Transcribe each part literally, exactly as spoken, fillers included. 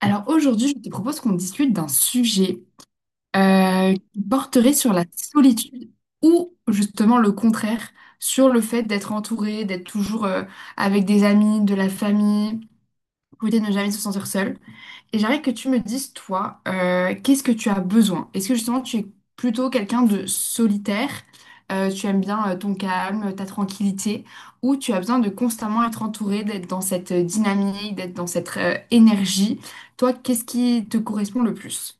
Alors aujourd'hui, je te propose qu'on discute d'un sujet euh, qui porterait sur la solitude ou justement le contraire, sur le fait d'être entouré, d'être toujours euh, avec des amis, de la famille, pour éviter de ne jamais se sentir seul. Et j'aimerais que tu me dises, toi, euh, qu'est-ce que tu as besoin? Est-ce que justement tu es plutôt quelqu'un de solitaire, euh, tu aimes bien euh, ton calme, ta tranquillité, ou tu as besoin de constamment être entouré, d'être dans cette euh, dynamique, d'être dans cette euh, énergie? Toi, qu'est-ce qui te correspond le plus?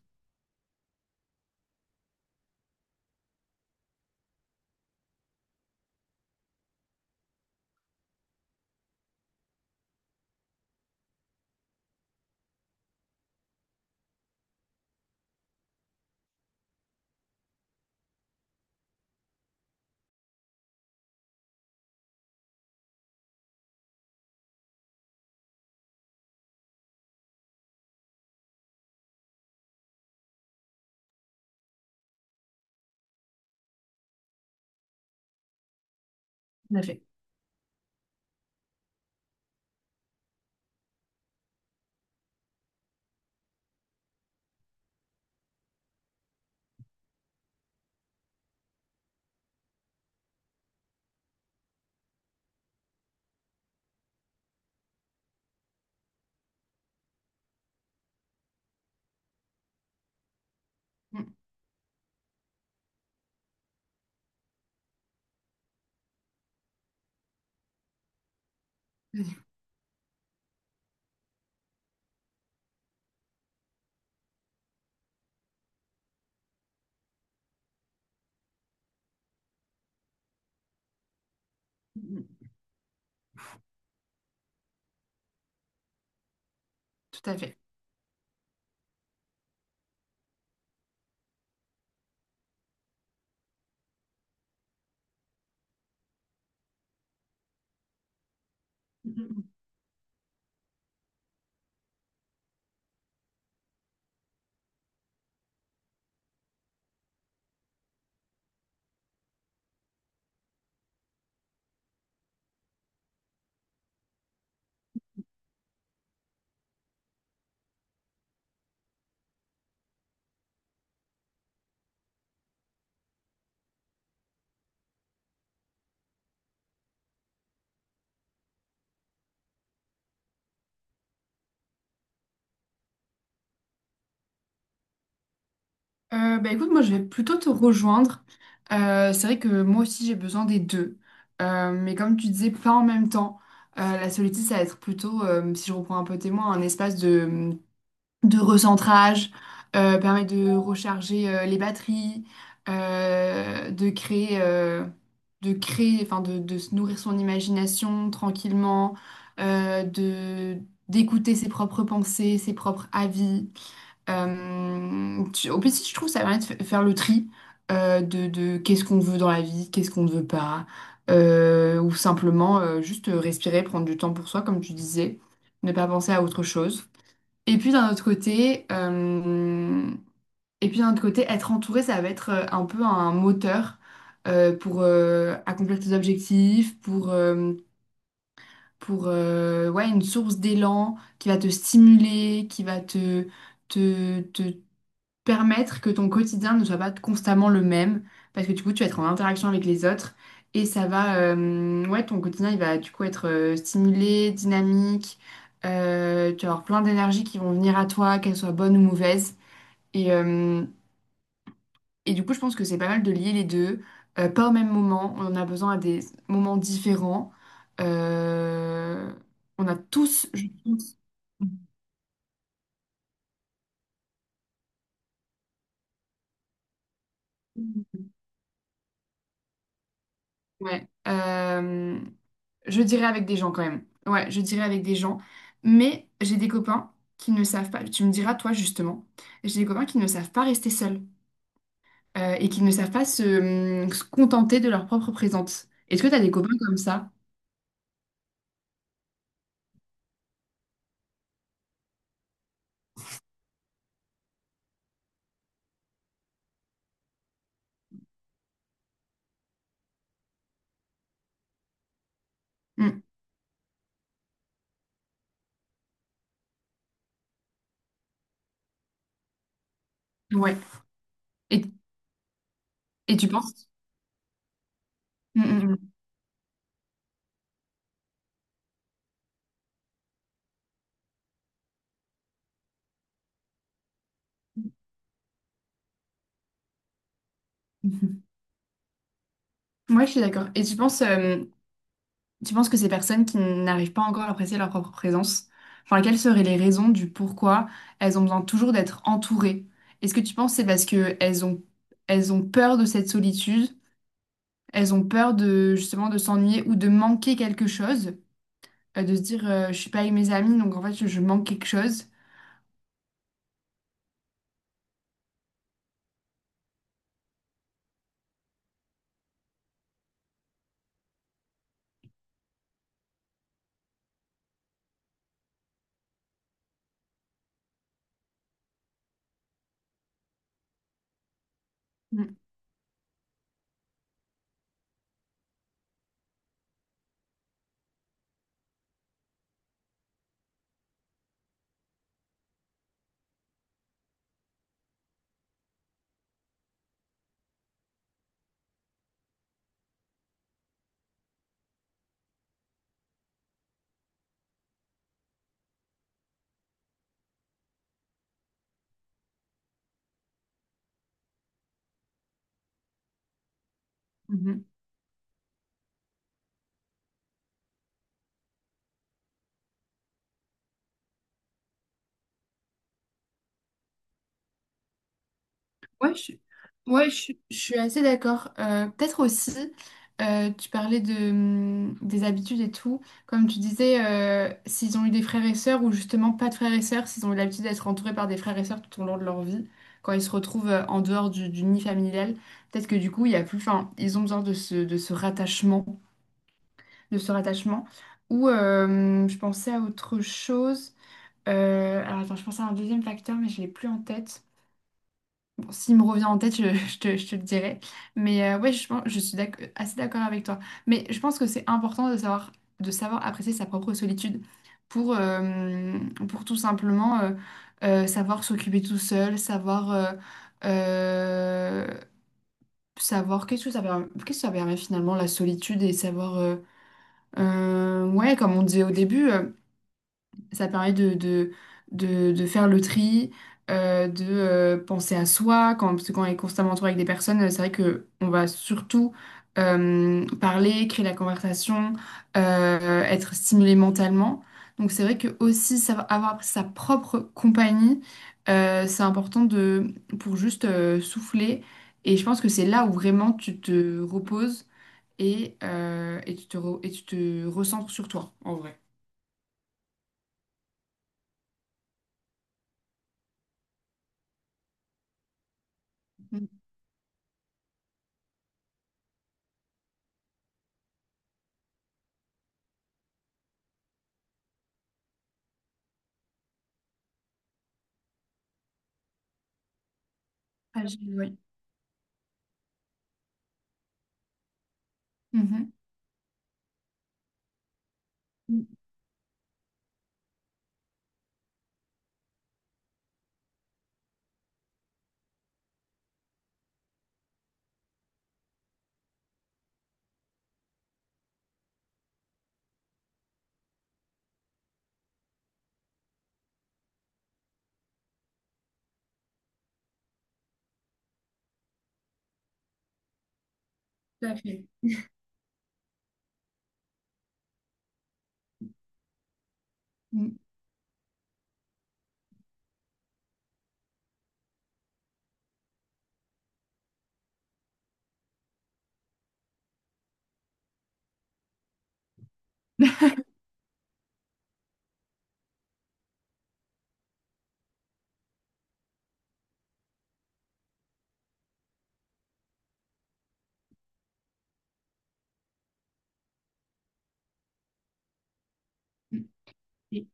Tout à fait. Mm. Tout à fait. Mmh, mmh, mmh. Euh, bah écoute, moi je vais plutôt te rejoindre. Euh, c'est vrai que moi aussi j'ai besoin des deux. Euh, mais comme tu disais, pas en même temps. Euh, la solitude, ça va être plutôt, euh, si je reprends un peu témoin, un espace de de recentrage, euh, permet de recharger euh, les batteries, euh, de créer, euh, de créer, enfin de, de se nourrir son imagination tranquillement, euh, de d'écouter ses propres pensées, ses propres avis. Euh, tu- en plus, je trouve que ça permet de fa- faire le tri euh, de, de qu'est-ce qu'on veut dans la vie, qu'est-ce qu'on ne veut pas, euh, ou simplement euh, juste respirer, prendre du temps pour soi, comme tu disais, ne pas penser à autre chose. Et puis d'un autre côté, euh, et puis d'un autre côté, être entouré, ça va être euh, un peu un moteur euh, pour euh, accomplir tes objectifs, pour, euh, pour euh, ouais, une source d'élan qui va te stimuler, qui va te, te, permettre que ton quotidien ne soit pas constamment le même, parce que du coup, tu vas être en interaction avec les autres et ça va, euh, ouais, ton quotidien, il va du coup être euh, stimulé, dynamique, euh, tu vas avoir plein d'énergie qui vont venir à toi, qu'elles soient bonnes ou mauvaises. Et, euh, et du coup, je pense que c'est pas mal de lier les deux, euh, pas au même moment, on en a besoin à des moments différents. Euh, on a tous, je pense, ouais, euh, je dirais avec des gens quand même. Ouais, je dirais avec des gens. Mais j'ai des copains qui ne savent pas, tu me diras toi justement, j'ai des copains qui ne savent pas rester seuls euh, et qui ne savent pas se, hum, se contenter de leur propre présence. Est-ce que tu as des copains comme ça? Hum, ouais. Et, et tu penses? Hum, hum, hum. Ouais, je suis d'accord. Et tu penses, hum, tu penses que ces personnes qui n'arrivent pas encore à apprécier leur propre présence, enfin, quelles seraient les raisons du pourquoi elles ont besoin toujours d'être entourées? Est-ce que tu penses que c'est parce que elles ont, elles ont peur de cette solitude, elles ont peur de justement de s'ennuyer ou de manquer quelque chose, euh, de se dire euh, je suis pas avec mes amis donc en fait je, je manque quelque chose. Mhm. Ouais, je, ouais, je, suis je suis assez d'accord. Euh, peut-être aussi, euh, tu parlais de, hum, des habitudes et tout. Comme tu disais, euh, s'ils ont eu des frères et sœurs ou justement pas de frères et sœurs, s'ils ont eu l'habitude d'être entourés par des frères et sœurs tout au long de leur vie, quand ils se retrouvent euh, en dehors du, du nid familial, peut-être que du coup, il y a plus, enfin, ils ont besoin de ce, de ce rattachement, de ce rattachement. Ou euh, je pensais à autre chose. Euh, alors attends, je pensais à un deuxième facteur, mais je l'ai plus en tête. Bon, s'il me revient en tête, je, je te, je te le dirai. Mais euh, ouais, je pense, je suis d'ac- assez d'accord avec toi. Mais je pense que c'est important de savoir, de savoir apprécier sa propre solitude pour, euh, pour tout simplement euh, euh, savoir s'occuper tout seul, savoir, euh, euh, savoir qu'est-ce que ça permet, qu'est-ce que ça permet finalement la solitude et savoir, euh, euh, ouais, comme on disait au début. Euh, ça permet de, de, de, de faire le tri, euh, de euh, penser à soi. Quand, parce que quand on est constamment entouré avec des personnes, euh, c'est vrai que on va surtout euh, parler, créer la conversation, euh, être stimulé mentalement. Donc c'est vrai que aussi savoir- avoir sa propre compagnie, euh, c'est important de, pour juste euh, souffler. Et je pense que c'est là où vraiment tu te reposes et, euh, et, tu te re- et tu te recentres sur toi, en vrai. Mm. Ah, j'ai- oui. Mm-hmm. Mm, tout à fait. Mm. Et-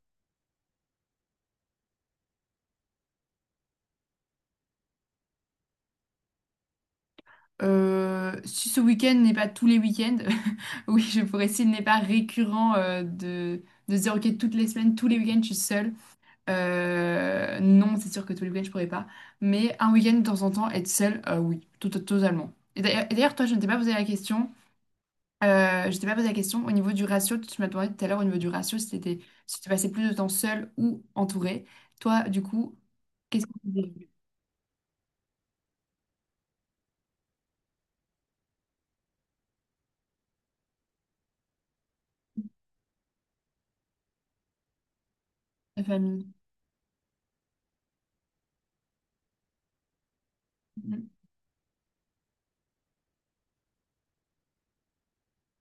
Euh, si ce week-end n'est pas tous les week-ends, oui, je pourrais, s'il n'est pas récurrent euh, de, de se dire, ok, toutes les semaines, tous les week-ends, je suis seule. Euh, non, c'est sûr que tous les week-ends, je pourrais pas. Mais un week-end, de temps en temps, être seule, euh, oui, tout, totalement. Et d'ailleurs, et d'ailleurs, toi, je ne t'ai pas posé la question. euh, je t'ai pas posé la question au niveau du ratio. Tu m'as demandé tout à l'heure au niveau du ratio si t'étais, si tu passais plus de temps seule ou entourée. Toi, du coup, qu'est-ce que tu dirais à ta famille?